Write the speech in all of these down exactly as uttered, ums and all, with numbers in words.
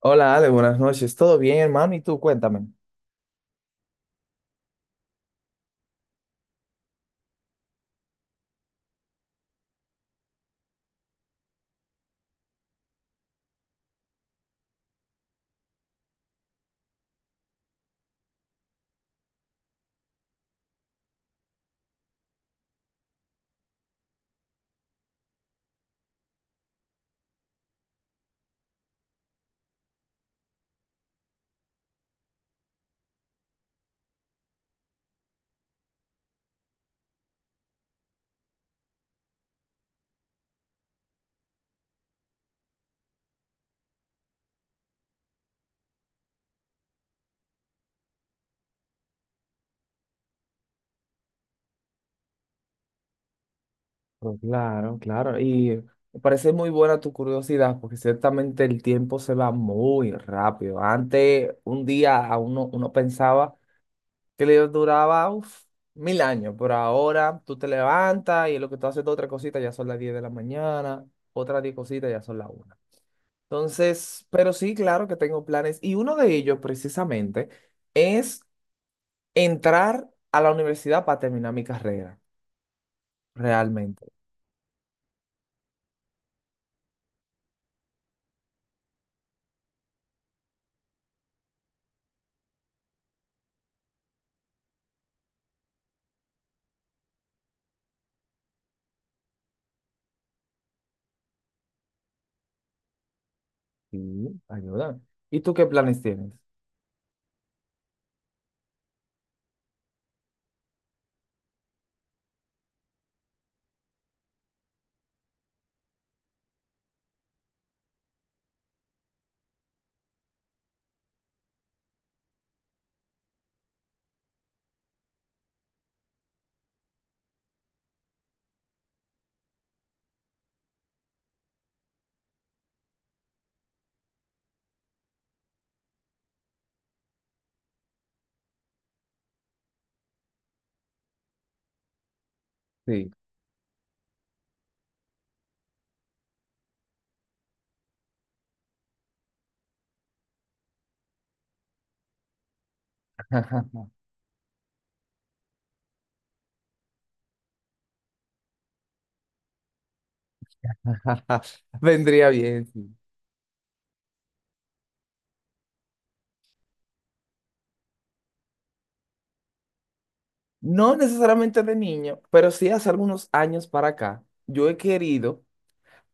Hola Ale, buenas noches. ¿Todo bien, hermano? ¿Y tú? Cuéntame. Pues claro, claro. Y me parece muy buena tu curiosidad, porque ciertamente el tiempo se va muy rápido. Antes, un día a uno, uno pensaba que le duraba uf, mil años, pero ahora tú te levantas y en lo que tú haces otra cosita ya son las diez de la mañana, otras diez cositas ya son las una. Entonces, pero sí, claro que tengo planes. Y uno de ellos, precisamente, es entrar a la universidad para terminar mi carrera. Realmente, sí, ayúdame. ¿Y tú qué planes tienes? Sí. Vendría bien, sí. No necesariamente de niño, pero sí hace algunos años para acá, yo he querido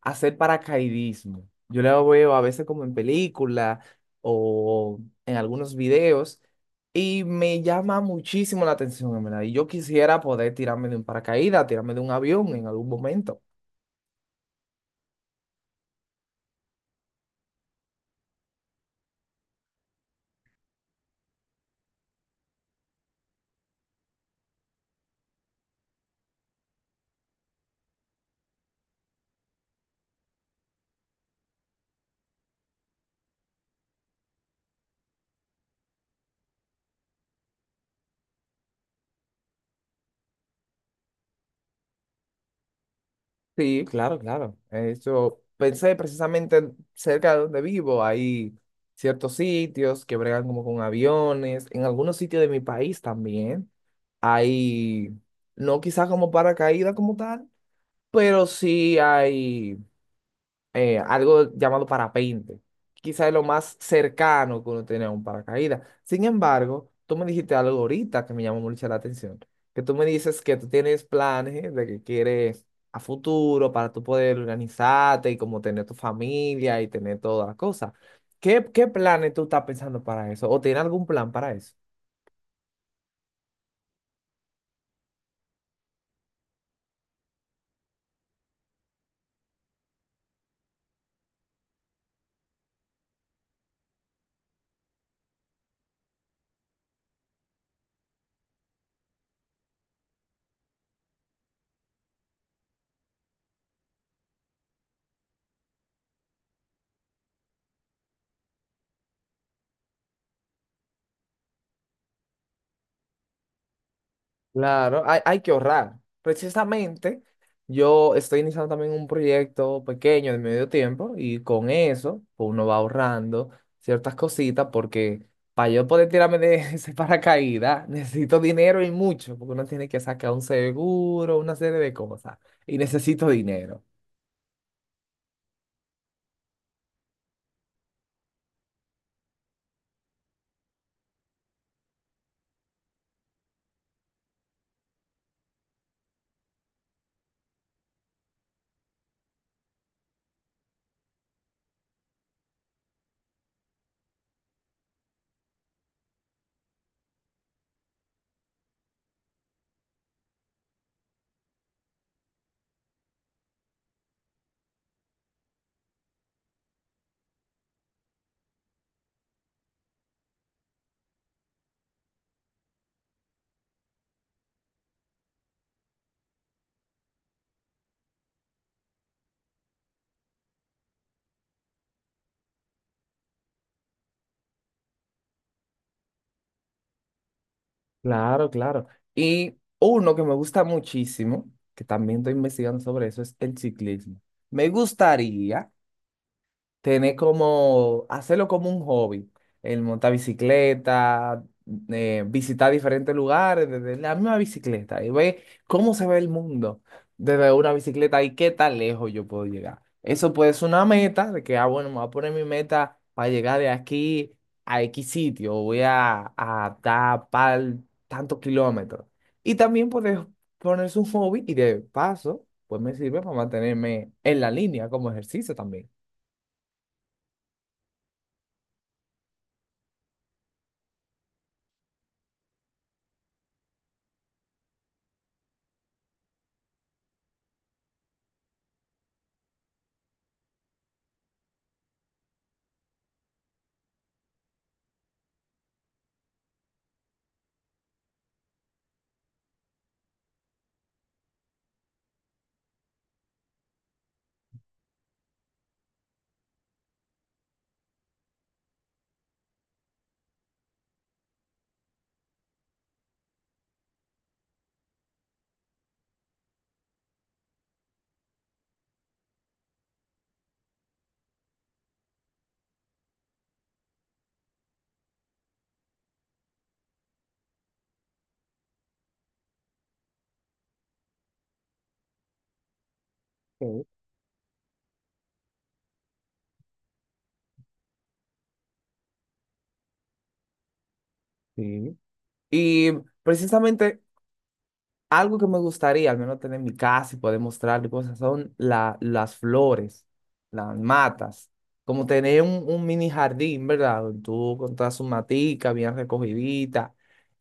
hacer paracaidismo. Yo lo veo a veces como en película o en algunos videos y me llama muchísimo la atención, en verdad. Y yo quisiera poder tirarme de un paracaídas, tirarme de un avión en algún momento. Sí, claro, claro. Eso pensé precisamente cerca de donde vivo. Hay ciertos sitios que bregan como con aviones. En algunos sitios de mi país también hay, no quizás como paracaídas como tal, pero sí hay eh, algo llamado parapente. Quizá es lo más cercano que uno tiene a un paracaídas. Sin embargo, tú me dijiste algo ahorita que me llamó mucho la atención, que tú me dices que tú tienes planes de que quieres a futuro para tú poder organizarte y como tener tu familia y tener todas las cosas. ¿Qué, qué planes tú estás pensando para eso? ¿O tienes algún plan para eso? Claro, hay, hay que ahorrar. Precisamente, yo estoy iniciando también un proyecto pequeño de medio tiempo y con eso pues uno va ahorrando ciertas cositas porque para yo poder tirarme de ese paracaídas necesito dinero y mucho porque uno tiene que sacar un seguro, una serie de cosas y necesito dinero. Claro, claro. Y uno que me gusta muchísimo, que también estoy investigando sobre eso, es el ciclismo. Me gustaría tener como, hacerlo como un hobby, el montar bicicleta, eh, visitar diferentes lugares desde la misma bicicleta y ver cómo se ve el mundo desde una bicicleta y qué tan lejos yo puedo llegar. Eso puede ser una meta de que, ah, bueno, me voy a poner mi meta para llegar de aquí a X sitio, voy a, a tapar tantos kilómetros. Y también puedes ponerse un hobby y de paso, pues me sirve para mantenerme en la línea como ejercicio también. Sí. Y precisamente algo que me gustaría al menos tener en mi casa y poder mostrarle cosas son la, las flores, las matas, como tener un, un mini jardín, ¿verdad? Donde tú con todas sus maticas bien recogiditas,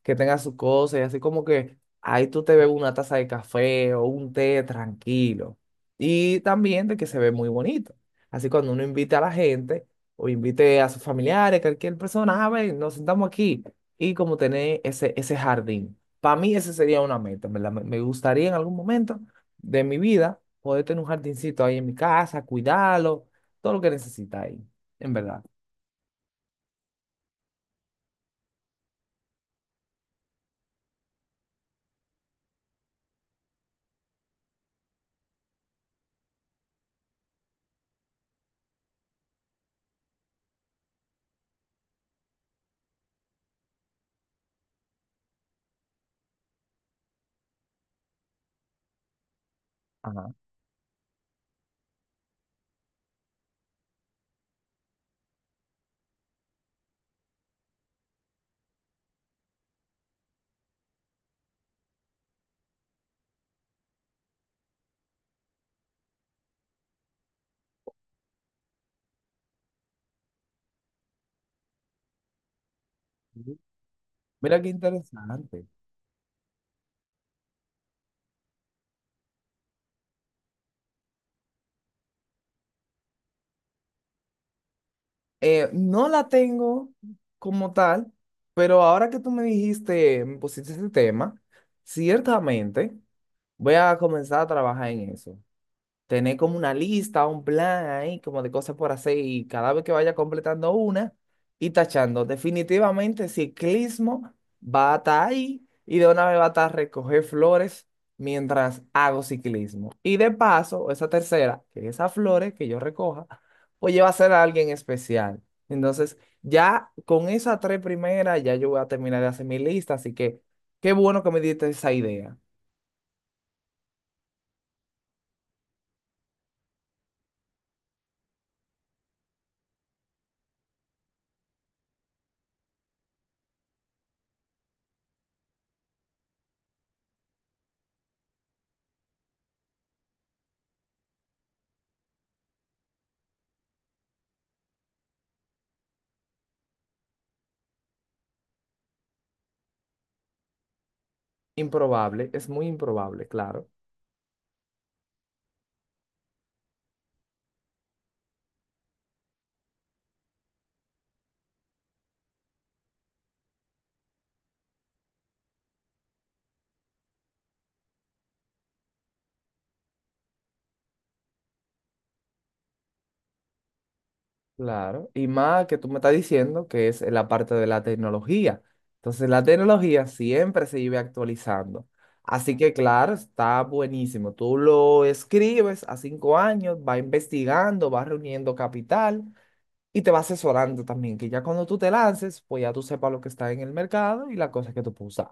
que tenga sus cosas y así como que ahí tú te ves una taza de café o un té tranquilo. Y también de que se ve muy bonito. Así cuando uno invita a la gente o invite a sus familiares, cualquier persona, a ver, nos sentamos aquí y como tener ese, ese jardín. Para mí esa sería una meta, ¿verdad? Me me gustaría en algún momento de mi vida poder tener un jardincito ahí en mi casa, cuidarlo, todo lo que necesita ahí, en verdad. Ajá. Mira qué interesante. Eh, no la tengo como tal, pero ahora que tú me dijiste, me pusiste ese tema, ciertamente voy a comenzar a trabajar en eso. Tener como una lista, un plan ahí, como de cosas por hacer y cada vez que vaya completando una y tachando, definitivamente ciclismo va a estar ahí y de una vez va a estar recoger flores mientras hago ciclismo. Y de paso, esa tercera, que esas flores que yo recoja, pues va a ser a alguien especial. Entonces, ya con esas tres primeras, ya yo voy a terminar de hacer mi lista, así que qué bueno que me diste esa idea. Improbable, es muy improbable, claro. Claro, y más que tú me estás diciendo que es la parte de la tecnología. Entonces, la tecnología siempre se vive actualizando. Así que, claro, está buenísimo. Tú lo escribes a cinco años, va investigando, va reuniendo capital y te va asesorando también, que ya cuando tú te lances, pues ya tú sepas lo que está en el mercado y las cosas que tú puedes usar.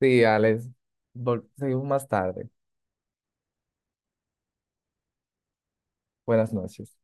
Sí, Alex, vol- seguimos más tarde. Buenas noches.